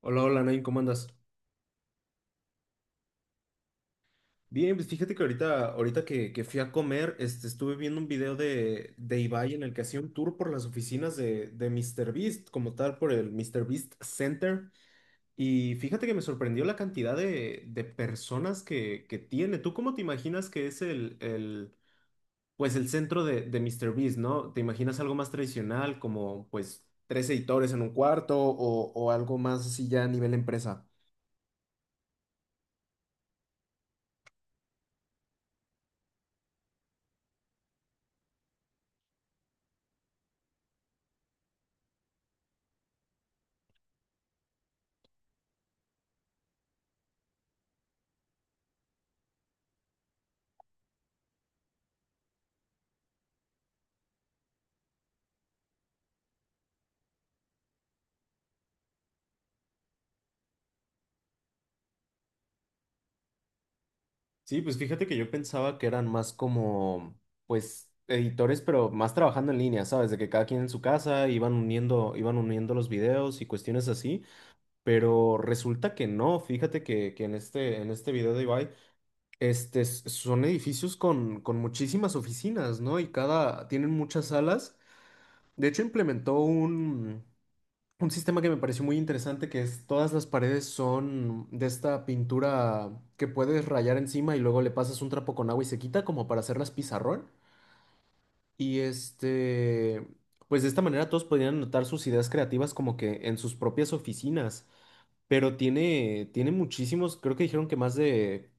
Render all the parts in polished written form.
Hola, hola, Nain, ¿cómo andas? Bien, pues fíjate que ahorita que fui a comer, estuve viendo un video de Ibai en el que hacía un tour por las oficinas de Míster Beast como tal, por el Míster Beast Center. Y fíjate que me sorprendió la cantidad de personas que tiene. ¿Tú cómo te imaginas que es el centro de Míster Beast, ¿no? ¿Te imaginas algo más tradicional, como pues tres editores en un cuarto o algo más así ya a nivel empresa? Sí, pues fíjate que yo pensaba que eran más como, pues, editores, pero más trabajando en línea, ¿sabes? De que cada quien en su casa iban uniendo los videos y cuestiones así, pero resulta que no, fíjate que en este video de Ibai, son edificios con muchísimas oficinas, ¿no? Y tienen muchas salas. De hecho, implementó un sistema que me pareció muy interesante que es todas las paredes son de esta pintura que puedes rayar encima y luego le pasas un trapo con agua y se quita como para hacerlas pizarrón. Y este, pues de esta manera todos podrían anotar sus ideas creativas como que en sus propias oficinas. Pero tiene muchísimos, creo que dijeron que más de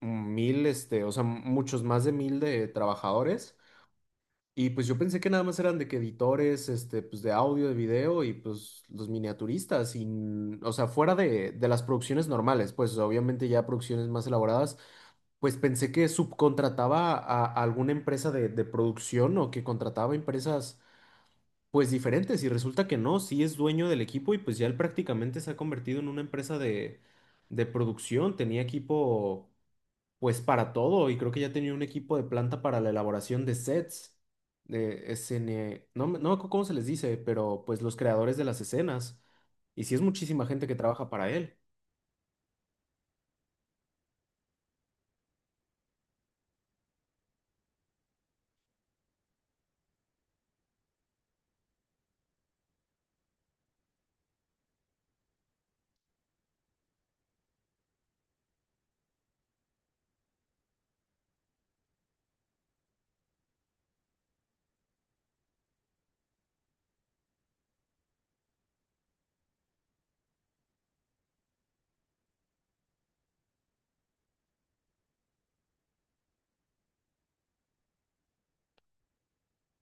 1.000, o sea, muchos más de 1.000 de trabajadores. Y pues yo pensé que nada más eran de que editores, pues de audio, de video y pues los miniaturistas, y o sea, fuera de las producciones normales, pues obviamente ya producciones más elaboradas, pues pensé que subcontrataba a alguna empresa de producción o que contrataba empresas pues diferentes y resulta que no, sí es dueño del equipo y pues ya él prácticamente se ha convertido en una empresa de producción, tenía equipo pues para todo, y creo que ya tenía un equipo de planta para la elaboración de sets, no, no me acuerdo cómo se les dice, pero pues los creadores de las escenas, y sí es muchísima gente que trabaja para él.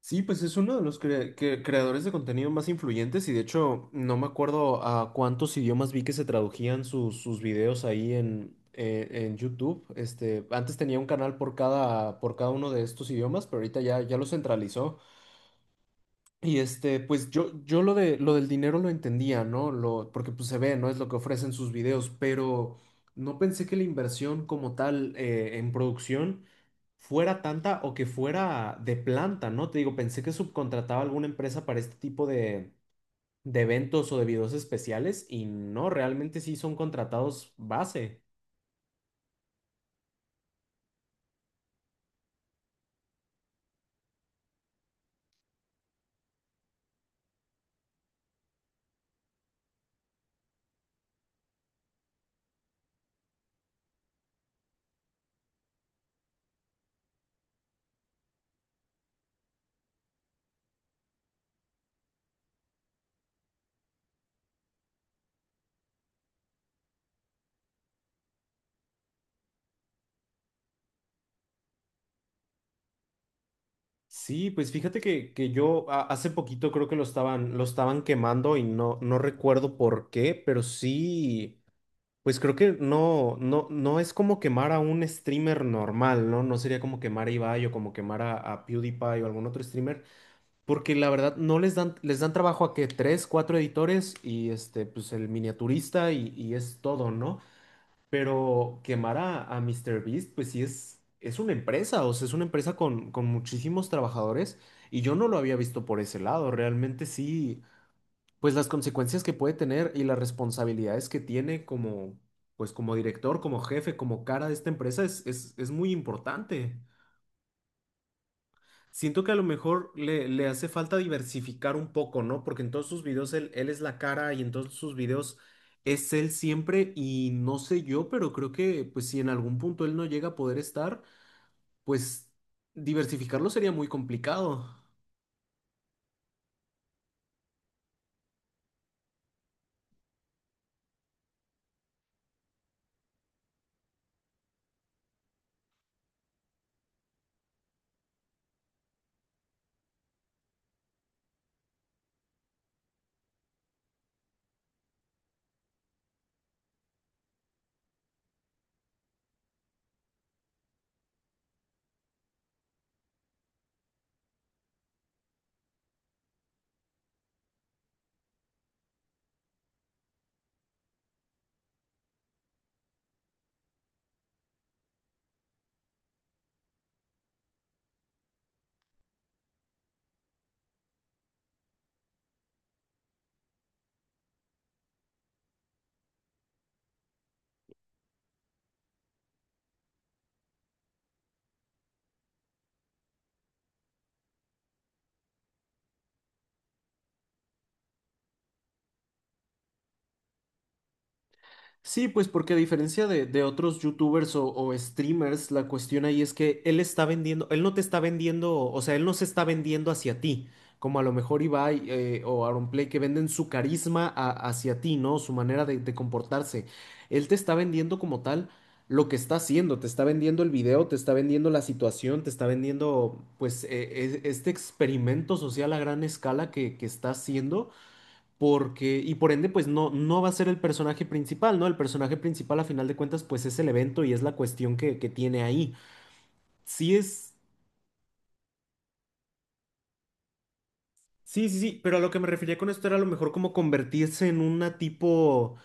Sí, pues es uno de los creadores de contenido más influyentes y de hecho no me acuerdo a cuántos idiomas vi que se tradujían sus videos ahí en YouTube. Antes tenía un canal por cada uno de estos idiomas, pero ahorita ya lo centralizó. Y pues yo lo de lo del dinero lo entendía, ¿no? Porque pues se ve, ¿no? Es lo que ofrecen sus videos, pero no pensé que la inversión como tal en producción fuera tanta o que fuera de planta, ¿no? Te digo, pensé que subcontrataba a alguna empresa para este tipo de eventos o de videos especiales y no, realmente sí son contratados base. Sí, pues fíjate que yo hace poquito creo que lo estaban quemando y no, no recuerdo por qué, pero sí. Pues creo que no, no, no es como quemar a un streamer normal, ¿no? No sería como quemar a Ibai o como quemar a PewDiePie o algún otro streamer, porque la verdad no les dan trabajo a que tres, cuatro editores y pues el miniaturista y es todo, ¿no? Pero quemar a MrBeast, pues sí es una empresa, o sea, es una empresa con muchísimos trabajadores y yo no lo había visto por ese lado, realmente sí pues las consecuencias que puede tener y las responsabilidades que tiene como, pues como director, como jefe, como cara de esta empresa es muy importante. Siento que a lo mejor le hace falta diversificar un poco, ¿no? Porque en todos sus videos él es la cara y en todos sus videos es él siempre y no sé yo, pero creo que pues si en algún punto él no llega a poder estar, pues diversificarlo sería muy complicado. Sí, pues porque a diferencia de otros youtubers o streamers, la cuestión ahí es que él está vendiendo, él no te está vendiendo, o sea, él no se está vendiendo hacia ti, como a lo mejor Ibai o Aaron Play que venden su carisma hacia ti, ¿no? Su manera de comportarse. Él te está vendiendo como tal lo que está haciendo, te está vendiendo el video, te está vendiendo la situación, te está vendiendo pues este experimento social a gran escala que está haciendo porque, y por ende, pues no, no va a ser el personaje principal, ¿no? El personaje principal, a final de cuentas, pues es el evento y es la cuestión que tiene ahí. Sí es, sí, sí, sí, pero a lo que me refería con esto era a lo mejor como convertirse en una tipo,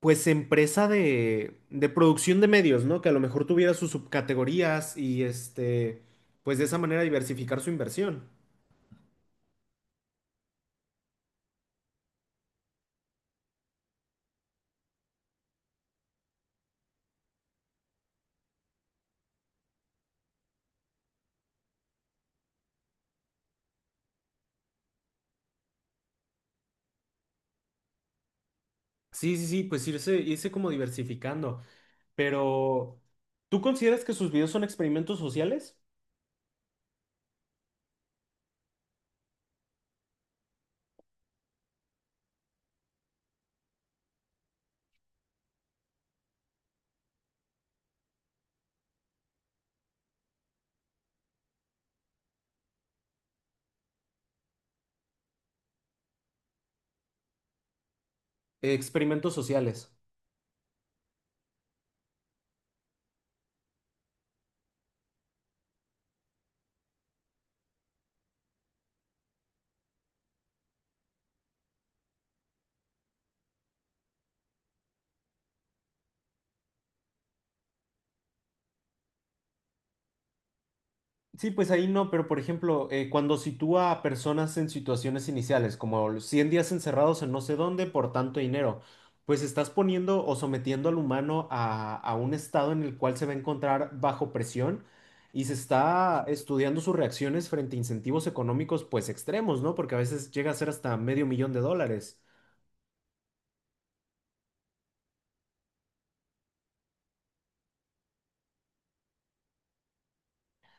pues empresa de producción de medios, ¿no? Que a lo mejor tuviera sus subcategorías y pues de esa manera diversificar su inversión. Sí, sí, sí, pues irse, irse como diversificando. Pero, ¿tú consideras que sus videos son experimentos sociales? Experimentos sociales. Sí, pues ahí no, pero por ejemplo, cuando sitúa a personas en situaciones iniciales, como 100 días encerrados en no sé dónde por tanto dinero, pues estás poniendo o sometiendo al humano a un estado en el cual se va a encontrar bajo presión y se está estudiando sus reacciones frente a incentivos económicos pues extremos, ¿no? Porque a veces llega a ser hasta medio millón de dólares.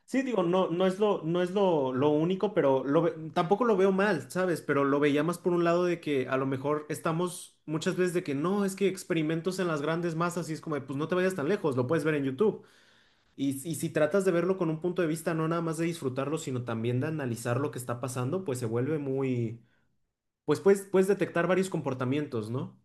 Sí, digo, no, lo único, pero tampoco lo veo mal, ¿sabes? Pero lo veía más por un lado de que a lo mejor estamos muchas veces de que no, es que experimentos en las grandes masas y es como, pues no te vayas tan lejos, lo puedes ver en YouTube. Y si tratas de verlo con un punto de vista, no nada más de disfrutarlo, sino también de analizar lo que está pasando, pues se vuelve muy, pues puedes detectar varios comportamientos, ¿no?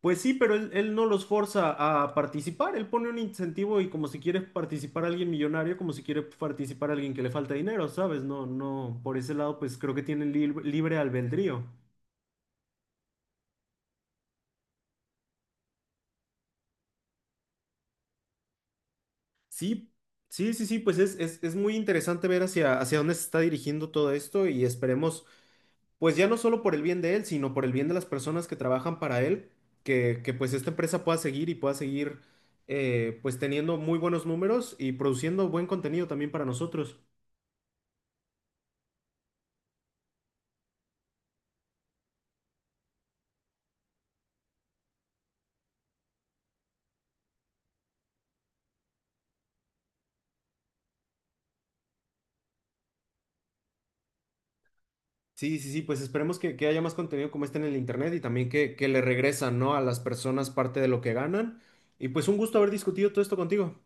Pues sí, pero él no los forza a participar, él pone un incentivo y como si quiere participar alguien millonario, como si quiere participar alguien que le falta dinero, ¿sabes? No, no, por ese lado pues creo que tienen libre albedrío. Sí, sí, sí, sí, pues es muy interesante ver hacia dónde se está dirigiendo todo esto y esperemos, pues ya no solo por el bien de él, sino por el bien de las personas que trabajan para él, que pues esta empresa pueda seguir y pueda seguir pues teniendo muy buenos números y produciendo buen contenido también para nosotros. Sí, sí, sí, pues esperemos que haya más contenido como este en el internet y también que le regresan, ¿no? A las personas parte de lo que ganan. Y pues un gusto haber discutido todo esto contigo.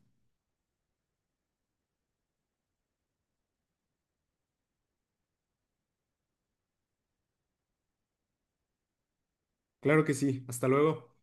Claro que sí, hasta luego.